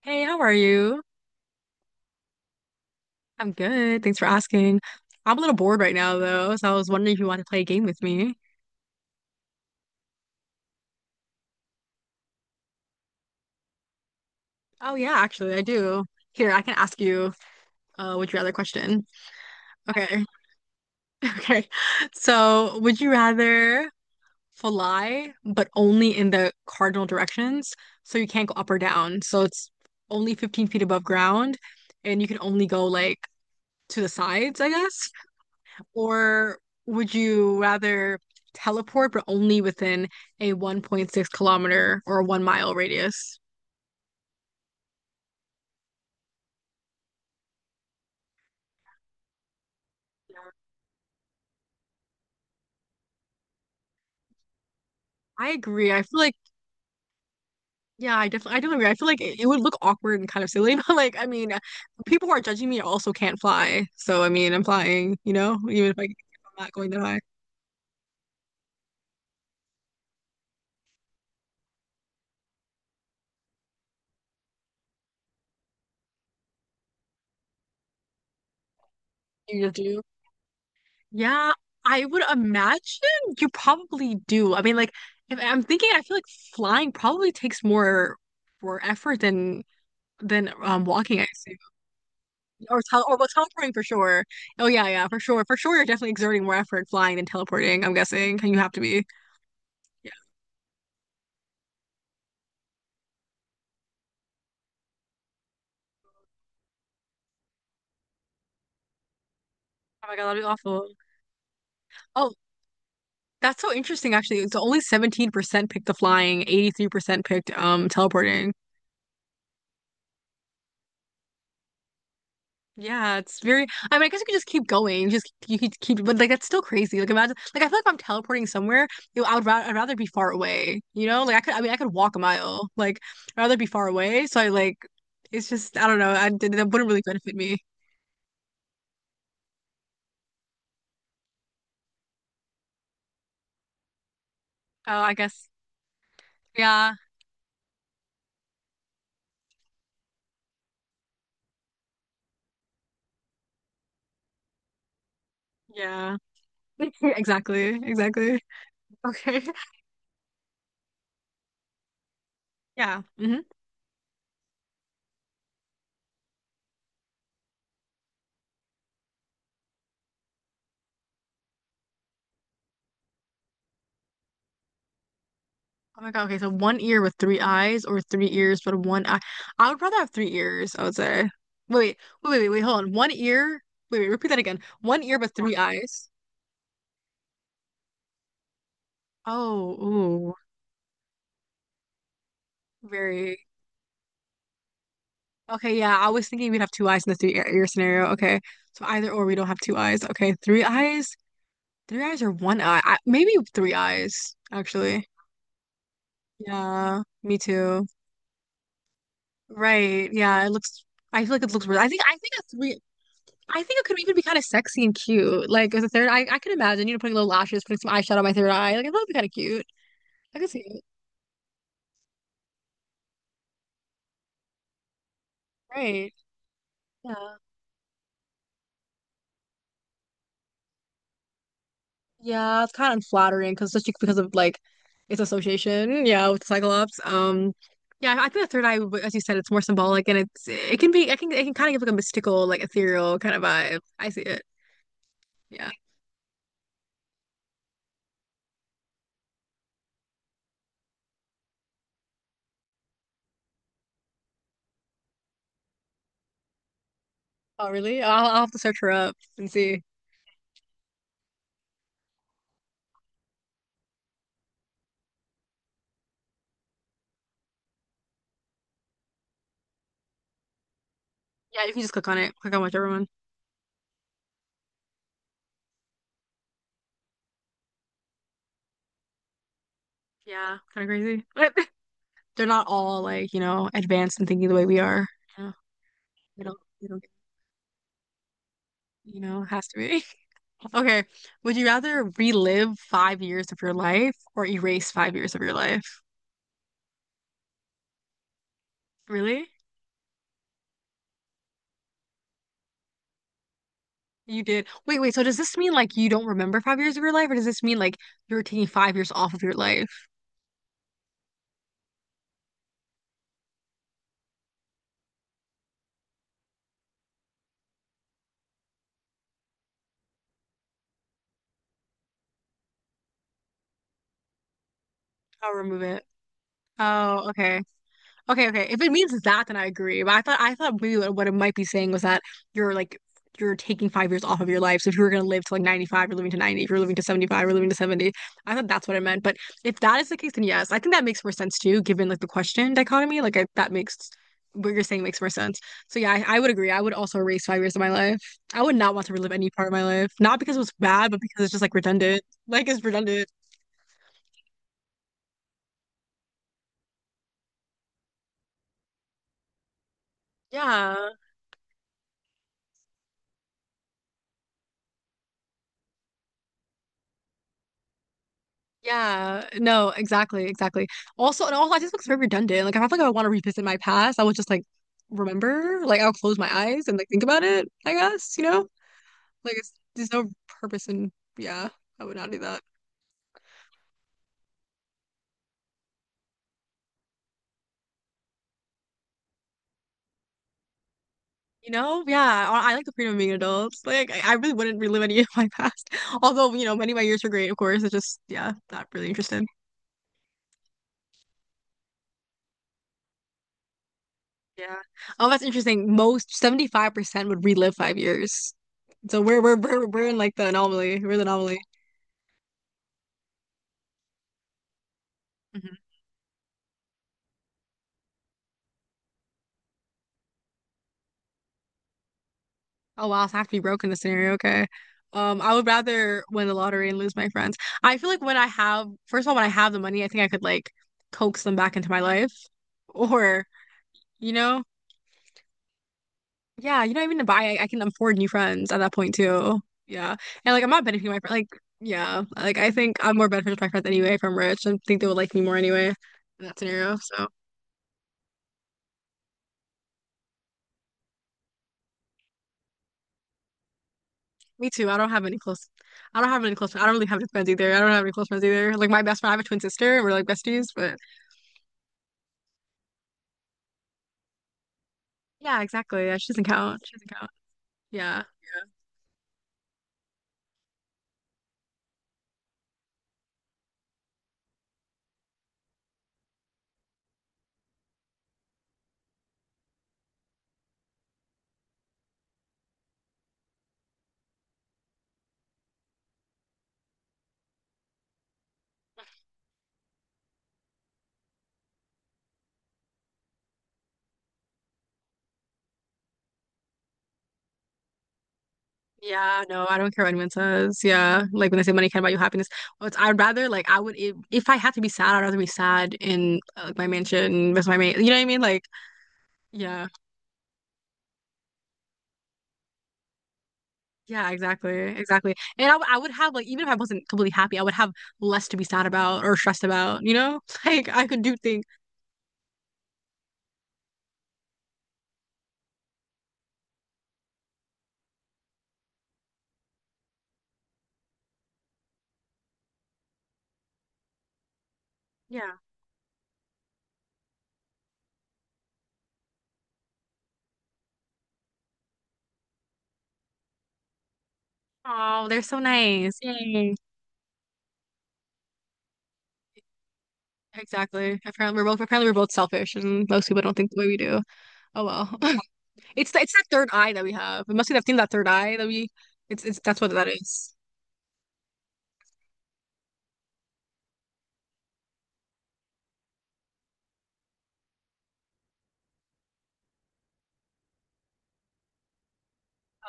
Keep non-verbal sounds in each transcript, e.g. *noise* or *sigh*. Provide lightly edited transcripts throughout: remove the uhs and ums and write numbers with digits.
Hey, how are you? I'm good. Thanks for asking. I'm a little bored right now, though, so I was wondering if you want to play a game with me. Oh, yeah, actually, I do. Here, I can ask you would you rather question. Okay. *laughs* Okay. So, would you rather fly, but only in the cardinal directions? So you can't go up or down. So it's only 15 feet above ground, and you can only go like to the sides, I guess. Or would you rather teleport but only within a 1.6 kilometer or 1 mile radius? I agree. I feel like yeah, I definitely I do agree. I feel like it would look awkward and kind of silly, *laughs* but like I mean, people who are judging me also can't fly. So I mean, I'm flying, you know, even if I, I'm not going that high. You just do. Yeah, I would imagine you probably do. I mean, like if I'm thinking, I feel like flying probably takes more effort than walking, I assume. Or tel or well, teleporting for sure. Oh yeah, yeah, for sure. For sure, you're definitely exerting more effort flying than teleporting, I'm guessing. You have to be. Yeah. Oh my God, that'd be awful. Oh, that's so interesting actually. It's only 17% picked the flying, 83% picked teleporting. Yeah, it's very I mean, I guess you could just keep going. Just you could keep but like that's still crazy. Like imagine like I feel like if I'm teleporting somewhere, you know, I would ra I'd rather be far away. You know? Like I mean I could walk a mile. Like I'd rather be far away. So I like it's just I don't know. I That wouldn't really benefit me. Oh, I guess yeah, yeah. *laughs* Exactly, exactly. Okay. *laughs* Yeah. Oh my God. Okay. So one ear with three eyes or three ears but one eye. I would rather have three ears, I would say. Wait, wait, wait, wait, wait, hold on. One ear. Wait, wait, repeat that again. One ear but three eyes. Oh, ooh. Very. Okay, yeah. I was thinking we'd have two eyes in the three ear ear scenario. Okay. So either or we don't have two eyes. Okay. Three eyes. Three eyes or one eye. Maybe three eyes, actually. Yeah, me too. Right. Yeah, it looks I feel like it looks really I think a three I think it could even be kind of sexy and cute. Like as a third I could imagine, you know, putting little lashes, putting some eyeshadow on my third eye. Like I thought it'd be kind of cute. I could see it. Right. Yeah. Yeah, it's kind of unflattering because just because of like its association, yeah, with Cyclops. Yeah, I think the third eye, as you said, it's more symbolic and it can be I can it can kind of give like a mystical, like ethereal kind of vibe. I see it. Yeah. Oh, really? I'll have to search her up and see. Yeah, you can just click on it. Click on whichever one. Yeah, kind of crazy. But *laughs* they're not all like, you know, advanced and thinking the way we are. Yeah, they don't, you know, it has to be. *laughs* Okay. Would you rather relive 5 years of your life or erase 5 years of your life? Really? You did. Wait, wait. So does this mean like you don't remember 5 years of your life, or does this mean like you're taking 5 years off of your life? I'll remove it. Oh, okay. Okay, okay. If it means that, then I agree. But I thought maybe what it might be saying was that you're like you're taking 5 years off of your life. So if you were gonna live to like 95, you're living to 90. If you're living to 75, you're living to 70. I thought that's what it meant. But if that is the case, then yes, I think that makes more sense too, given like the question dichotomy. Like I, that makes what you're saying makes more sense. So yeah, I would agree. I would also erase 5 years of my life. I would not want to relive any part of my life. Not because it was bad, but because it's just like redundant. Like it's redundant. Yeah. Yeah, no, exactly, exactly. Also, I just looks very redundant. Like, if I feel like I want to revisit my past, I would just like remember, like, I'll close my eyes and like think about it, I guess, you know? There's no purpose in, yeah, I would not do that. You know? Yeah, I like the freedom of being adults. Like, I really wouldn't relive any *laughs* of my past. *laughs* Although, you know, many of my years were great, of course. It's just, yeah, not really interested. Yeah. Oh, that's interesting. Most 75% would relive 5 years. So we're in like the anomaly. We're the anomaly. Mm-hmm. Oh wow, so I have to be broke in this scenario. Okay. I would rather win the lottery and lose my friends. I feel like when I have, first of all, when I have the money, I think I could like coax them back into my life. *laughs* Or, you know, yeah, you don't even need to buy. I can afford new friends at that point too. Yeah. And like I'm not benefiting my friend. Like, yeah. Like I think I'm more beneficial to my friends anyway if I'm rich. I think they would like me more anyway in that scenario. So me too. I don't really have any friends either. I don't have any close friends either. Like my best friend, I have a twin sister, and we're like besties. But yeah, exactly. Yeah, she doesn't count. She doesn't count. Yeah. Yeah, no, I don't care what anyone says. Yeah. Like when they say money can't buy you happiness. Well, it's, I'd rather like I would if I had to be sad, I'd rather be sad in like my mansion with my mate. You know what I mean? Like yeah. Yeah, exactly. Exactly. And I would have like even if I wasn't completely happy, I would have less to be sad about or stressed about, you know? *laughs* Like I could do things. Yeah. Oh, they're so nice. Yay. Apparently we're both selfish and most people don't think the way we do. Oh well. It's that third eye that we have. We must be have seen that third eye that we. It's that's what that is.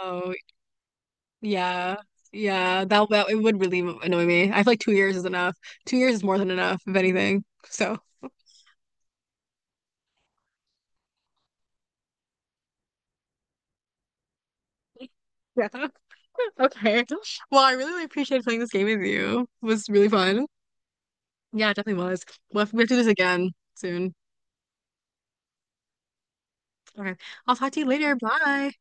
Oh yeah, yeah. That it would really annoy me. I feel like 2 years is enough. 2 years is more than enough, if anything. So yeah. *laughs* Okay. Well, I really, really appreciated playing this game with you. It was really fun. Yeah, it definitely was. We have to do this again soon. Okay. I'll talk to you later. Bye.